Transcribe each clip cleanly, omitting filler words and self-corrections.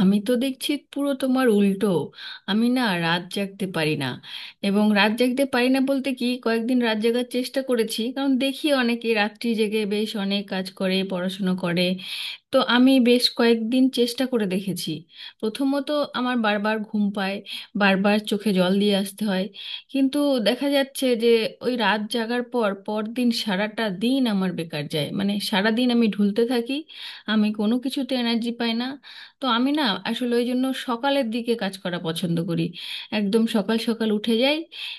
আমি তো দেখছি পুরো তোমার উল্টো। আমি না রাত জাগতে পারি না, এবং রাত জাগতে পারি না বলতে কি কয়েকদিন রাত জাগার চেষ্টা করেছি কারণ দেখি অনেকে রাত্রি জেগে বেশ অনেক কাজ করে, পড়াশুনো করে। তো আমি বেশ কয়েকদিন চেষ্টা করে দেখেছি। প্রথমত আমার বারবার ঘুম পায়, বারবার চোখে জল দিয়ে আসতে হয়। কিন্তু দেখা যাচ্ছে যে ওই রাত জাগার পর পরদিন সারাটা দিন আমার বেকার যায়, মানে সারা দিন আমি ঢুলতে থাকি, আমি কোনো কিছুতে এনার্জি পাই না। তো আমি না, আসলে ওই জন্য সকালের দিকে কাজ করা পছন্দ করি। একদম সকাল সকাল উঠে যাই,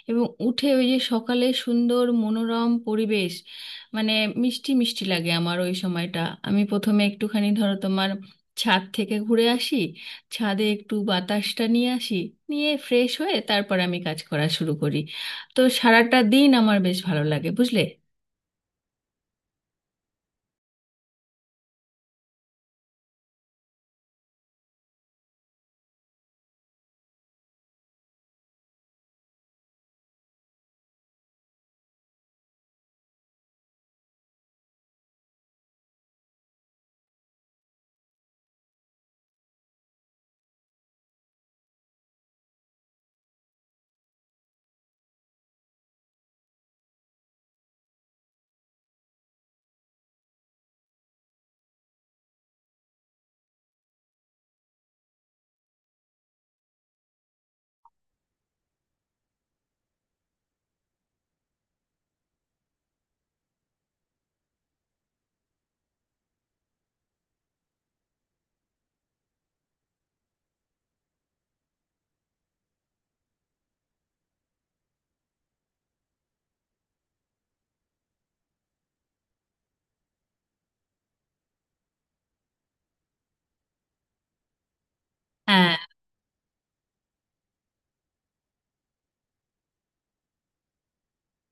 এবং উঠে ওই যে সকালে সুন্দর মনোরম পরিবেশ, মানে মিষ্টি মিষ্টি লাগে আমার ওই সময়টা। আমি প্রথমে একটুখানি ধরো তোমার ছাদ থেকে ঘুরে আসি, ছাদে একটু বাতাসটা নিয়ে আসি, নিয়ে ফ্রেশ হয়ে তারপর আমি কাজ করা শুরু করি। তো সারাটা দিন আমার বেশ ভালো লাগে বুঝলে। হ্যাঁ,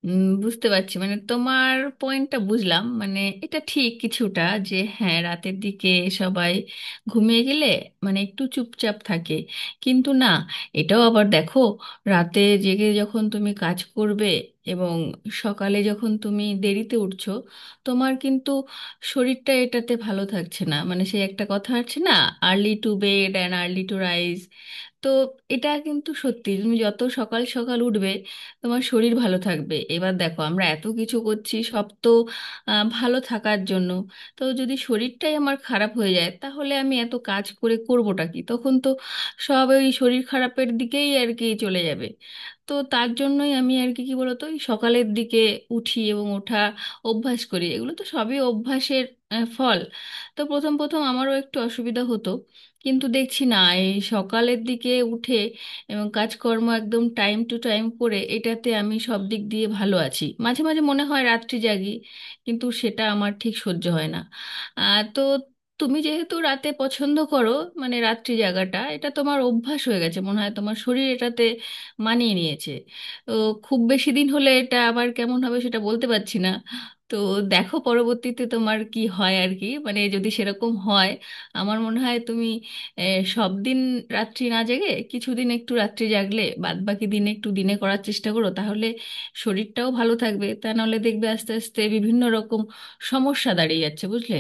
বুঝতে পারছি মানে তোমার পয়েন্টটা বুঝলাম, মানে এটা ঠিক কিছুটা যে হ্যাঁ রাতের দিকে সবাই ঘুমিয়ে গেলে মানে একটু চুপচাপ থাকে। কিন্তু না, এটাও আবার দেখো, রাতে জেগে যখন তুমি কাজ করবে এবং সকালে যখন তুমি দেরিতে উঠছো, তোমার কিন্তু শরীরটা এটাতে ভালো থাকছে না। মানে সেই একটা কথা আছে না, early to bed and early to rise. তো এটা কিন্তু সত্যি, তুমি যত সকাল সকাল উঠবে তোমার শরীর ভালো থাকবে। এবার দেখো আমরা এত কিছু করছি সব তো ভালো থাকার জন্য। তো যদি শরীরটাই আমার খারাপ হয়ে যায় তাহলে আমি এত কাজ করে করবোটা কি, তখন তো সব ওই শরীর খারাপের দিকেই আর কি চলে যাবে। তো তার জন্যই আমি আর কি কি বলতো এই সকালের দিকে উঠি, এবং ওঠা অভ্যাস করি। এগুলো তো সবই অভ্যাসের ফল। তো প্রথম প্রথম আমারও একটু অসুবিধা হতো, কিন্তু দেখছি না এই সকালের দিকে উঠে এবং কাজকর্ম একদম টাইম টু টাইম করে এটাতে আমি সব দিক দিয়ে ভালো আছি। মাঝে মাঝে মনে হয় রাত্রি জাগি, কিন্তু সেটা আমার ঠিক সহ্য হয় না। তো তুমি যেহেতু রাতে পছন্দ করো, মানে রাত্রি জাগাটা এটা তোমার অভ্যাস হয়ে গেছে, মনে হয় তোমার শরীর এটাতে মানিয়ে নিয়েছে। তো খুব বেশি দিন হলে এটা আবার কেমন হবে সেটা বলতে পারছি না। তো দেখো পরবর্তীতে তোমার কি হয় আর কি, মানে যদি সেরকম হয় আমার মনে হয় তুমি এ, সব দিন রাত্রি না জেগে কিছুদিন একটু রাত্রি জাগলে বাদ বাকি দিনে একটু দিনে করার চেষ্টা করো, তাহলে শরীরটাও ভালো থাকবে। তা নাহলে দেখবে আস্তে আস্তে বিভিন্ন রকম সমস্যা দাঁড়িয়ে যাচ্ছে বুঝলে।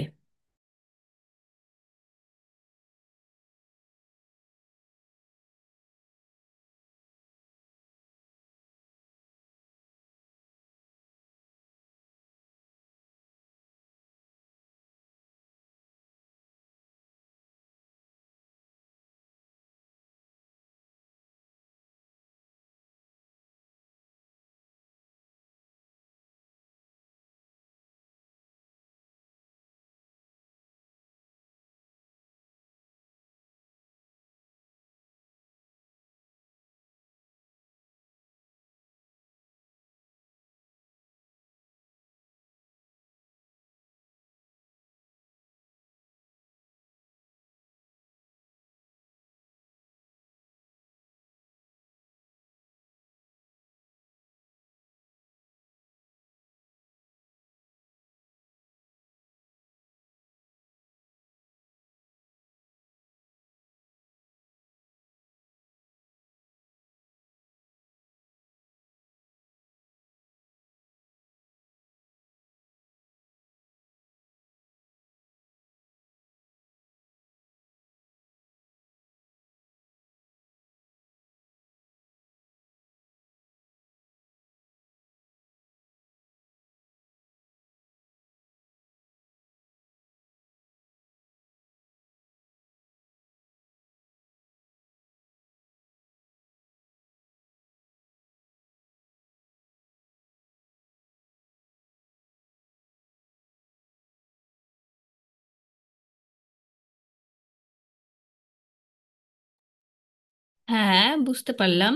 হ্যাঁ, বুঝতে পারলাম।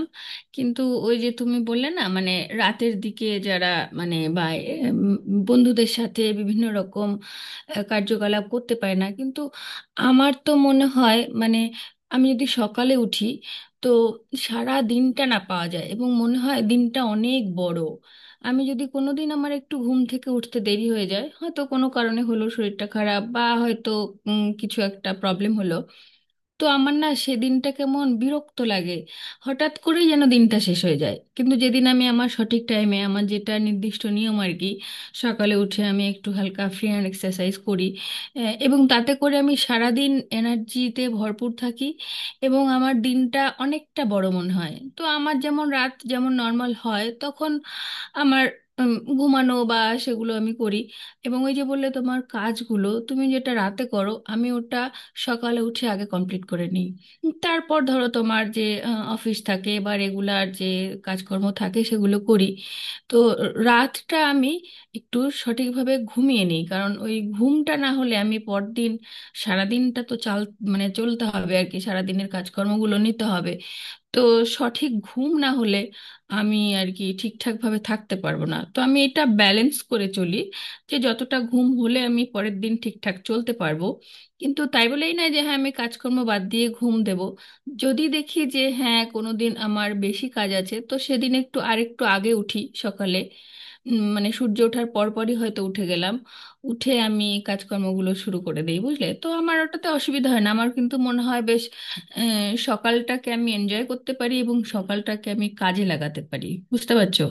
কিন্তু ওই যে তুমি বললে না মানে রাতের দিকে যারা, মানে বা উম, বন্ধুদের সাথে বিভিন্ন রকম কার্যকলাপ করতে পারে না, কিন্তু আমার তো মনে হয় মানে আমি যদি সকালে উঠি তো সারা দিনটা না পাওয়া যায় এবং মনে হয় দিনটা অনেক বড়। আমি যদি কোনোদিন আমার একটু ঘুম থেকে উঠতে দেরি হয়ে যায়, হয়তো কোনো কারণে হলো শরীরটা খারাপ বা হয়তো কিছু একটা প্রবলেম হলো, তো আমার না সেদিনটা কেমন বিরক্ত লাগে, হঠাৎ করেই যেন দিনটা শেষ হয়ে যায়। কিন্তু যেদিন আমি আমার সঠিক টাইমে আমার যেটা নির্দিষ্ট নিয়ম আর কি সকালে উঠে আমি একটু হালকা ফ্রি হ্যান্ড এক্সারসাইজ করি, এবং তাতে করে আমি সারাদিন এনার্জিতে ভরপুর থাকি এবং আমার দিনটা অনেকটা বড় মনে হয়। তো আমার যেমন রাত যেমন নর্মাল হয় তখন আমার উম, ঘুমানো বা সেগুলো আমি করি। এবং ওই যে বললে তোমার কাজগুলো তুমি যেটা রাতে করো, আমি ওটা সকালে উঠে আগে কমপ্লিট করে নিই। তারপর ধরো তোমার যে অফিস থাকে বা রেগুলার যে কাজকর্ম থাকে সেগুলো করি। তো রাতটা আমি একটু সঠিকভাবে ঘুমিয়ে নিই, কারণ ওই ঘুমটা না হলে আমি পরদিন সারাদিনটা তো চাল, মানে চলতে হবে আর কি, সারাদিনের কাজকর্মগুলো নিতে হবে। তো সঠিক ঘুম না হলে আমি আর কি ঠিকঠাক ভাবে থাকতে পারবো না। তো আমি এটা ব্যালেন্স করে চলি, যে যতটা ঘুম হলে আমি পরের দিন ঠিকঠাক চলতে পারবো। কিন্তু তাই বলেই না যে হ্যাঁ আমি কাজকর্ম বাদ দিয়ে ঘুম দেব। যদি দেখি যে হ্যাঁ কোনো দিন আমার বেশি কাজ আছে তো সেদিন একটু আরেকটু আগে উঠি সকালে, মানে সূর্য ওঠার পরপরই হয়তো উঠে গেলাম, উঠে আমি কাজকর্মগুলো শুরু করে দিই বুঝলে। তো আমার ওটাতে অসুবিধা হয় না, আমার কিন্তু মনে হয় বেশ সকালটাকে আমি এনজয় করতে পারি এবং সকালটাকে আমি কাজে লাগাতে পারি, বুঝতে পারছো।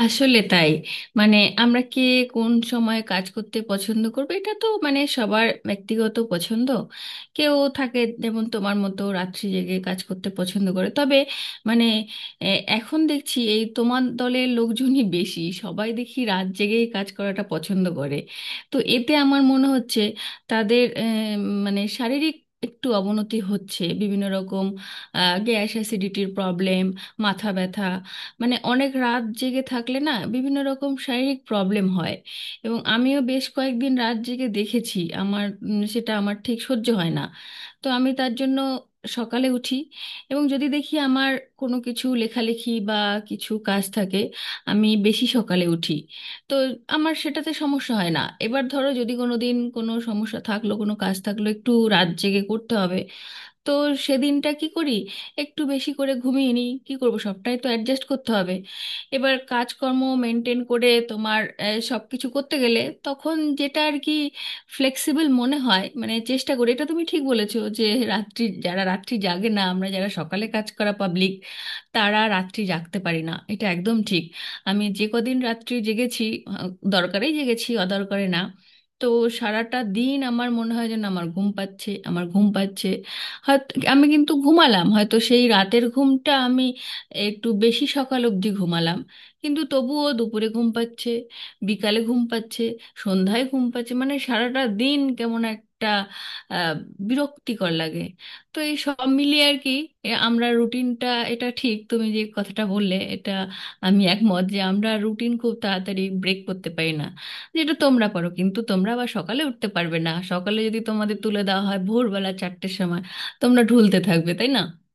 আসলে তাই, মানে আমরা কে কোন সময় কাজ করতে পছন্দ করবে এটা তো মানে সবার ব্যক্তিগত পছন্দ। কেউ থাকে যেমন তোমার মতো রাত্রি জেগে কাজ করতে পছন্দ করে, তবে মানে এ, এখন দেখছি এই তোমার দলের লোকজনই বেশি, সবাই দেখি রাত জেগেই কাজ করাটা পছন্দ করে। তো এতে আমার মনে হচ্ছে তাদের মানে শারীরিক একটু অবনতি হচ্ছে, বিভিন্ন রকম গ্যাস অ্যাসিডিটির প্রবলেম, মাথা ব্যথা, মানে অনেক রাত জেগে থাকলে না বিভিন্ন রকম শারীরিক প্রবলেম হয়। এবং আমিও বেশ কয়েকদিন রাত জেগে দেখেছি আমার, সেটা আমার ঠিক সহ্য হয় না। তো আমি তার জন্য সকালে উঠি, এবং যদি দেখি আমার কোনো কিছু লেখালেখি বা কিছু কাজ থাকে আমি বেশি সকালে উঠি। তো আমার সেটাতে সমস্যা হয় না। এবার ধরো যদি কোনো দিন কোনো সমস্যা থাকলো, কোনো কাজ থাকলো একটু রাত জেগে করতে হবে, তো সেদিনটা কি করি একটু বেশি করে ঘুমিয়ে নিই। কি করব, সবটাই তো অ্যাডজাস্ট করতে হবে। এবার কাজকর্ম মেনটেন করে তোমার সব কিছু করতে গেলে তখন যেটা আর কি ফ্লেক্সিবল মনে হয়, মানে চেষ্টা করি। এটা তুমি ঠিক বলেছো যে রাত্রি যারা রাত্রি জাগে না, আমরা যারা সকালে কাজ করা পাবলিক, তারা রাত্রি জাগতে পারি না, এটা একদম ঠিক। আমি যে কদিন রাত্রি জেগেছি, আহ, দরকারেই জেগেছি, অদরকারে না। তো সারাটা দিন আমার মনে হয় যেন আমার ঘুম পাচ্ছে, আমার ঘুম পাচ্ছে। হয়তো আমি কিন্তু ঘুমালাম, হয়তো সেই রাতের ঘুমটা আমি একটু বেশি সকাল অবধি ঘুমালাম, কিন্তু তবুও দুপুরে ঘুম পাচ্ছে, বিকালে ঘুম পাচ্ছে, সন্ধ্যায় ঘুম পাচ্ছে, মানে সারাটা দিন কেমন একটা আহ, বিরক্তিকর লাগে। তো এই সব মিলিয়ে আর কি, এ আমরা রুটিনটা, এটা ঠিক তুমি যে কথাটা বললে, এটা আমি একমত, যে আমরা রুটিন খুব তাড়াতাড়ি ব্রেক করতে পারি না, যেটা তোমরা পারো। কিন্তু তোমরা আবার সকালে উঠতে পারবে না, সকালে যদি তোমাদের তুলে দেওয়া হয় ভোরবেলা 4টের সময়, তোমরা ঢুলতে থাকবে, তাই না?